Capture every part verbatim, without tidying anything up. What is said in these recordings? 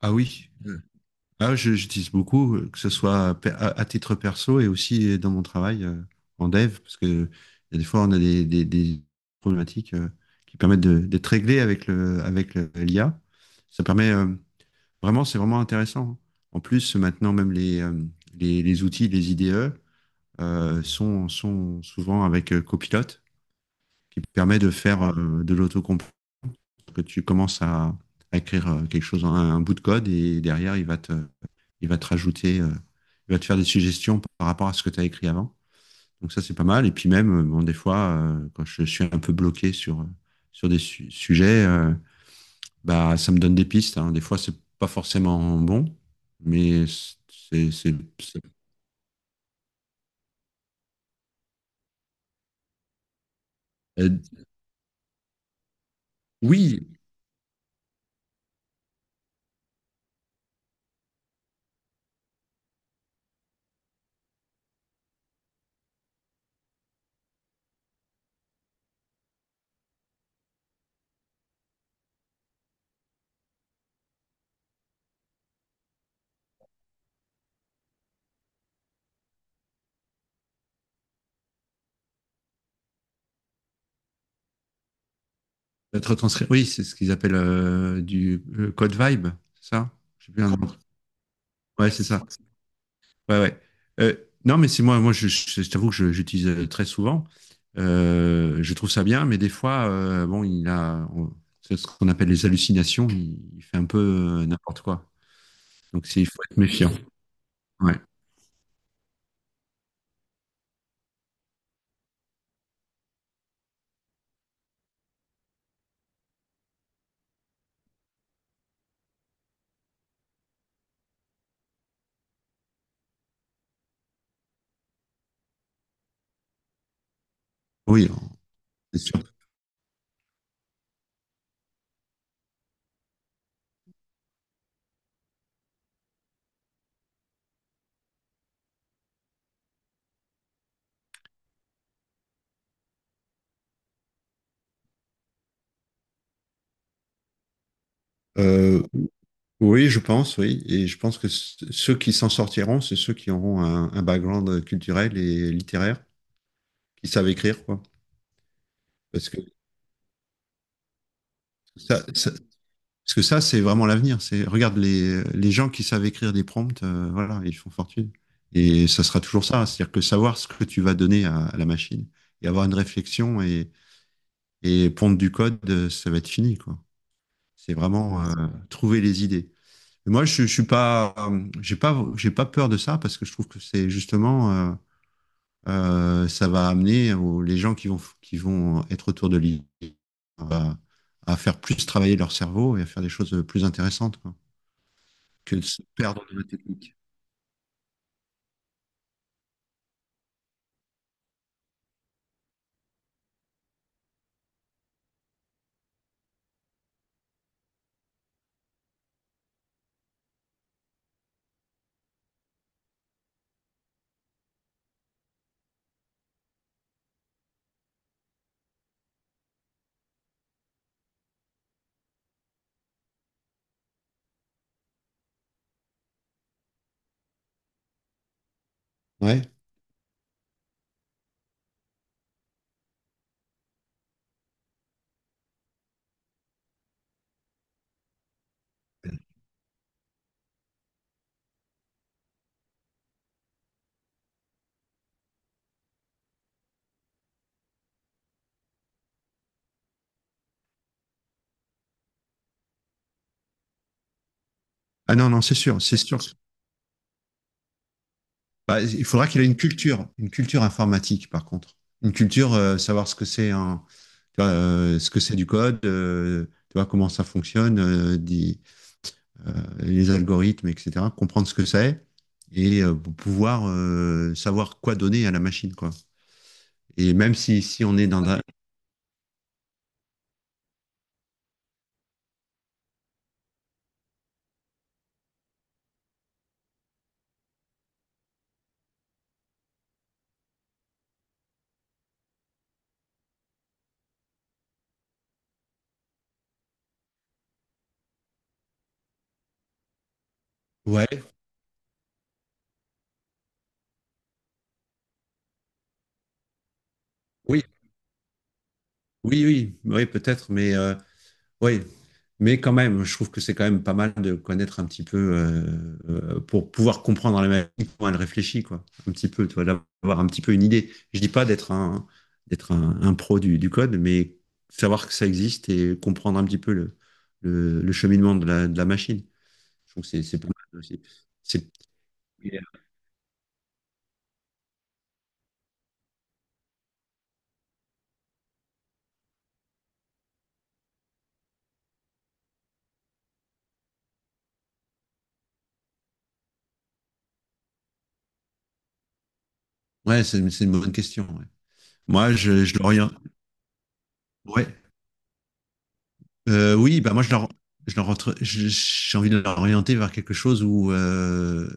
Ah oui. Mm. Ah, je- j'utilise beaucoup, euh, que ce soit pe- à, à titre perso et aussi euh, dans mon travail, euh, en dev, parce que il y a des fois, on a des, des- des problématiques euh, qui permettent de- d'être réglées avec le, avec le- l'I A. Ça permet euh, vraiment, c'est vraiment intéressant. En plus, maintenant, même les, euh, les, les outils, les I D E, euh, sont, sont souvent avec euh, Copilot, qui permet de faire euh, de l'autocomplete, que tu commences à, à écrire euh, quelque chose, un, un bout de code, et derrière, il va te il va te rajouter, euh, il va te faire des suggestions par rapport à ce que tu as écrit avant. Donc ça, c'est pas mal. Et puis même, euh, bon, des fois, euh, quand je suis un peu bloqué sur, euh, sur des su- sujets, euh, bah, ça me donne des pistes, hein. Des fois, c'est pas forcément bon, mais c'est, c'est, ça aide. Oui, être retranscrit. Oui, c'est ce qu'ils appellent, euh, du le code vibe, c'est ça? Je sais plus un nom. Ouais, c'est ça. Ouais, ouais. Euh, non, mais c'est moi, moi, je, je- je t'avoue que je- j'utilise euh, très souvent. Euh, je trouve ça bien, mais des fois, euh, bon, il a, on- c'est ce qu'on appelle les hallucinations. Il, il fait un peu euh, n'importe quoi. Donc, c'est- il faut être méfiant. Ouais. Oui, c'est sûr. Euh, oui, je pense, oui. Et je pense que c- ceux qui s'en sortiront, c'est ceux qui auront un, un background culturel et littéraire, qui savent écrire, quoi. Parce que ça, ça, Parce que ça, c'est vraiment l'avenir. C'est regarde les, les gens qui savent écrire des prompts, euh, voilà, ils font fortune. Et ça sera toujours ça, c'est-à-dire que savoir ce que tu vas donner à, à la machine et avoir une réflexion et, et pondre du code, euh, ça va être fini, quoi. C'est vraiment euh, trouver les idées. Et moi, je, je suis pas, euh, j'ai pas, j'ai pas peur de ça parce que je trouve que c'est justement, euh, euh, ça va amener aux- les gens qui vont, qui vont être autour de l'île à, à faire plus travailler leur cerveau et à faire des choses plus intéressantes, quoi. Que de se perdre. Ouais. Ah non, non, c'est sûr, c'est sûr. Bah, il faudra qu'il ait une culture, une culture informatique, par contre. Une culture, euh, savoir ce que c'est un, tu vois, euh, ce que c'est du code, euh, tu vois, comment ça fonctionne, euh, des- euh, les algorithmes, et cetera. Comprendre ce que c'est et euh, pour pouvoir euh, savoir quoi donner à la machine, quoi. Et même si, si on est dans un… Ouais, oui, oui, oui, oui, peut-être, mais euh, oui, mais quand même, je trouve que c'est quand même pas mal de connaître un petit peu, euh, euh, pour pouvoir comprendre la machine, comment elle réfléchit, quoi. Un petit peu, tu vois, d'avoir un petit peu une idée. Je dis pas d'être un, d'être un, un pro du, du code, mais savoir que ça existe et comprendre un petit peu le, le, le cheminement de la, de la machine. Je trouve que c'est, c'est pas mal aussi. C'est, ouais, c'est, c'est une bonne question. Ouais. Moi, je, je l'oriente. Ouais. Euh, oui, bah moi, je l'or- je l'or- je- j'ai envie de l'orienter vers quelque chose où, euh,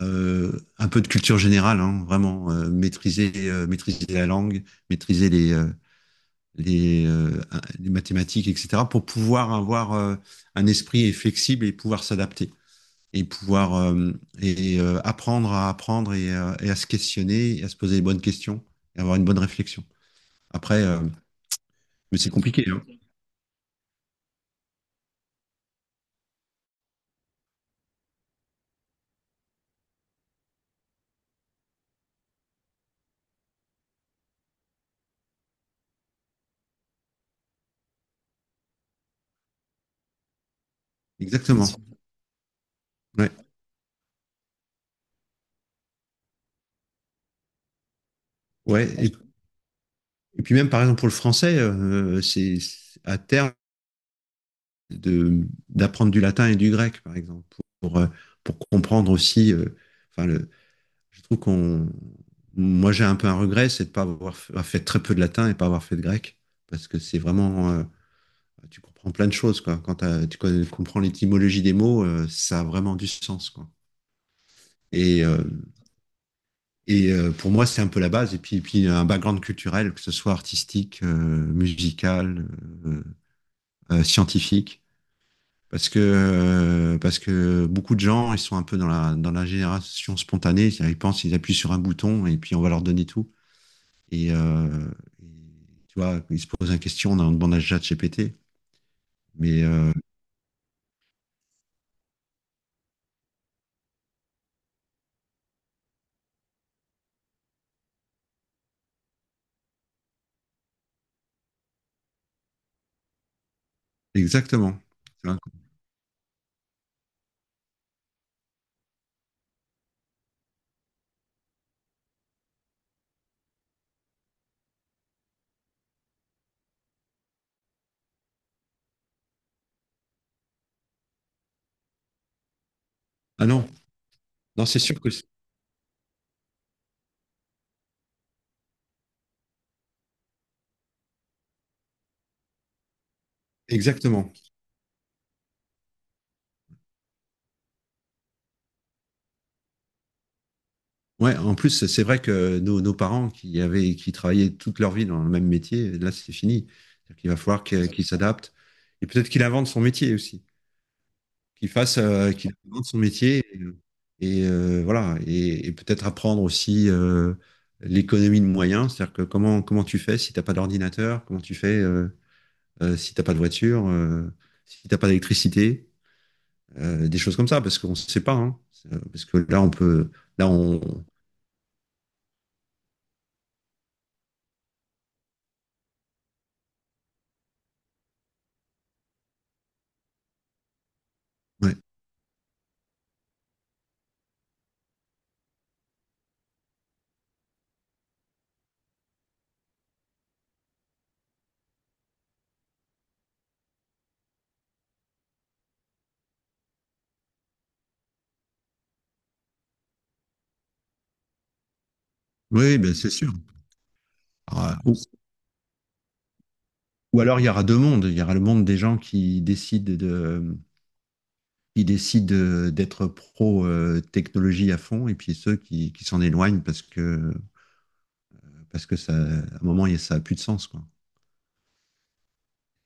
euh, un peu de culture générale, hein, vraiment euh, maîtriser, euh, maîtriser la langue, maîtriser les, euh, les, euh, les mathématiques, et cetera, pour pouvoir avoir euh, un esprit flexible et pouvoir s'adapter et pouvoir euh, et, euh, apprendre à apprendre et, euh, et à se questionner, et à se poser les bonnes questions et avoir une bonne réflexion. Après, euh, mais c'est compliqué, hein. Exactement. Ouais. Ouais. Et, et puis même par exemple pour le français, euh, c'est à terme de, d'apprendre du latin et du grec, par exemple, pour, euh, pour comprendre aussi. Euh, enfin, le, je trouve qu'on. Moi, j'ai un peu un regret, c'est de ne pas avoir fait, avoir fait, très peu de latin et de pas avoir fait de grec, parce que c'est vraiment. Euh, tu comprends plein de choses, quoi. Quand tu comprends l'étymologie des mots, euh, ça a vraiment du sens, quoi. Et, euh, et euh, pour moi, c'est un peu la base. Et puis, et puis, un background culturel, que ce soit artistique, euh, musical, euh, euh, scientifique. Parce que, euh, parce que beaucoup de gens, ils sont un peu dans la, dans la génération spontanée. C'est-à-dire, ils pensent, ils appuient sur un bouton et puis on va leur donner tout. Et, euh, et, Tu vois, ils se posent une question, on en demande à ChatGPT. Mais euh, exactement. Tu vois. Ah non, non, c'est sûr que c'est- exactement. Ouais, en plus, c'est vrai que nos, nos parents qui avaient, qui travaillaient toute leur vie dans le même métier, là, c'est fini. Il va falloir que- qu'ils s'adaptent. Et peut-être qu'il invente son métier aussi. Qu'il fasse, euh, qu'il apprenne son métier et, euh, et, euh, voilà, et, et peut-être apprendre aussi euh, l'économie de moyens, c'est-à-dire que comment comment tu fais si t'as pas d'ordinateur, comment tu fais, euh, euh, si t'as pas de voiture, euh, si t'as pas d'électricité, euh, des choses comme ça, parce qu'on ne sait pas, hein. C'est- euh, parce que là on peut, là on, ouais. Oui, oui, ben c'est sûr. Alors, euh, ou, ou alors il y aura deux mondes, il y aura le monde des gens qui décident de qui décident euh, d'être pro euh, technologie à fond et puis ceux qui, qui s'en éloignent parce que, parce que ça, à un moment, il y a- ça a plus de sens, quoi.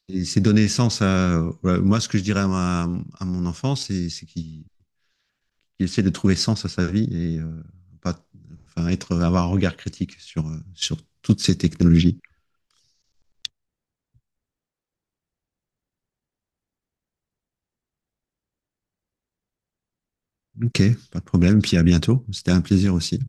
Et c'est donner sens à, voilà, moi, ce que je dirais à, ma- à mon enfant, c'est, c'est qu'il, qu'il essaie de trouver sens à sa vie et euh, pas, enfin, être, avoir un regard critique sur, euh, sur toutes ces technologies. Ok, pas de problème. Puis à bientôt. C'était un plaisir aussi.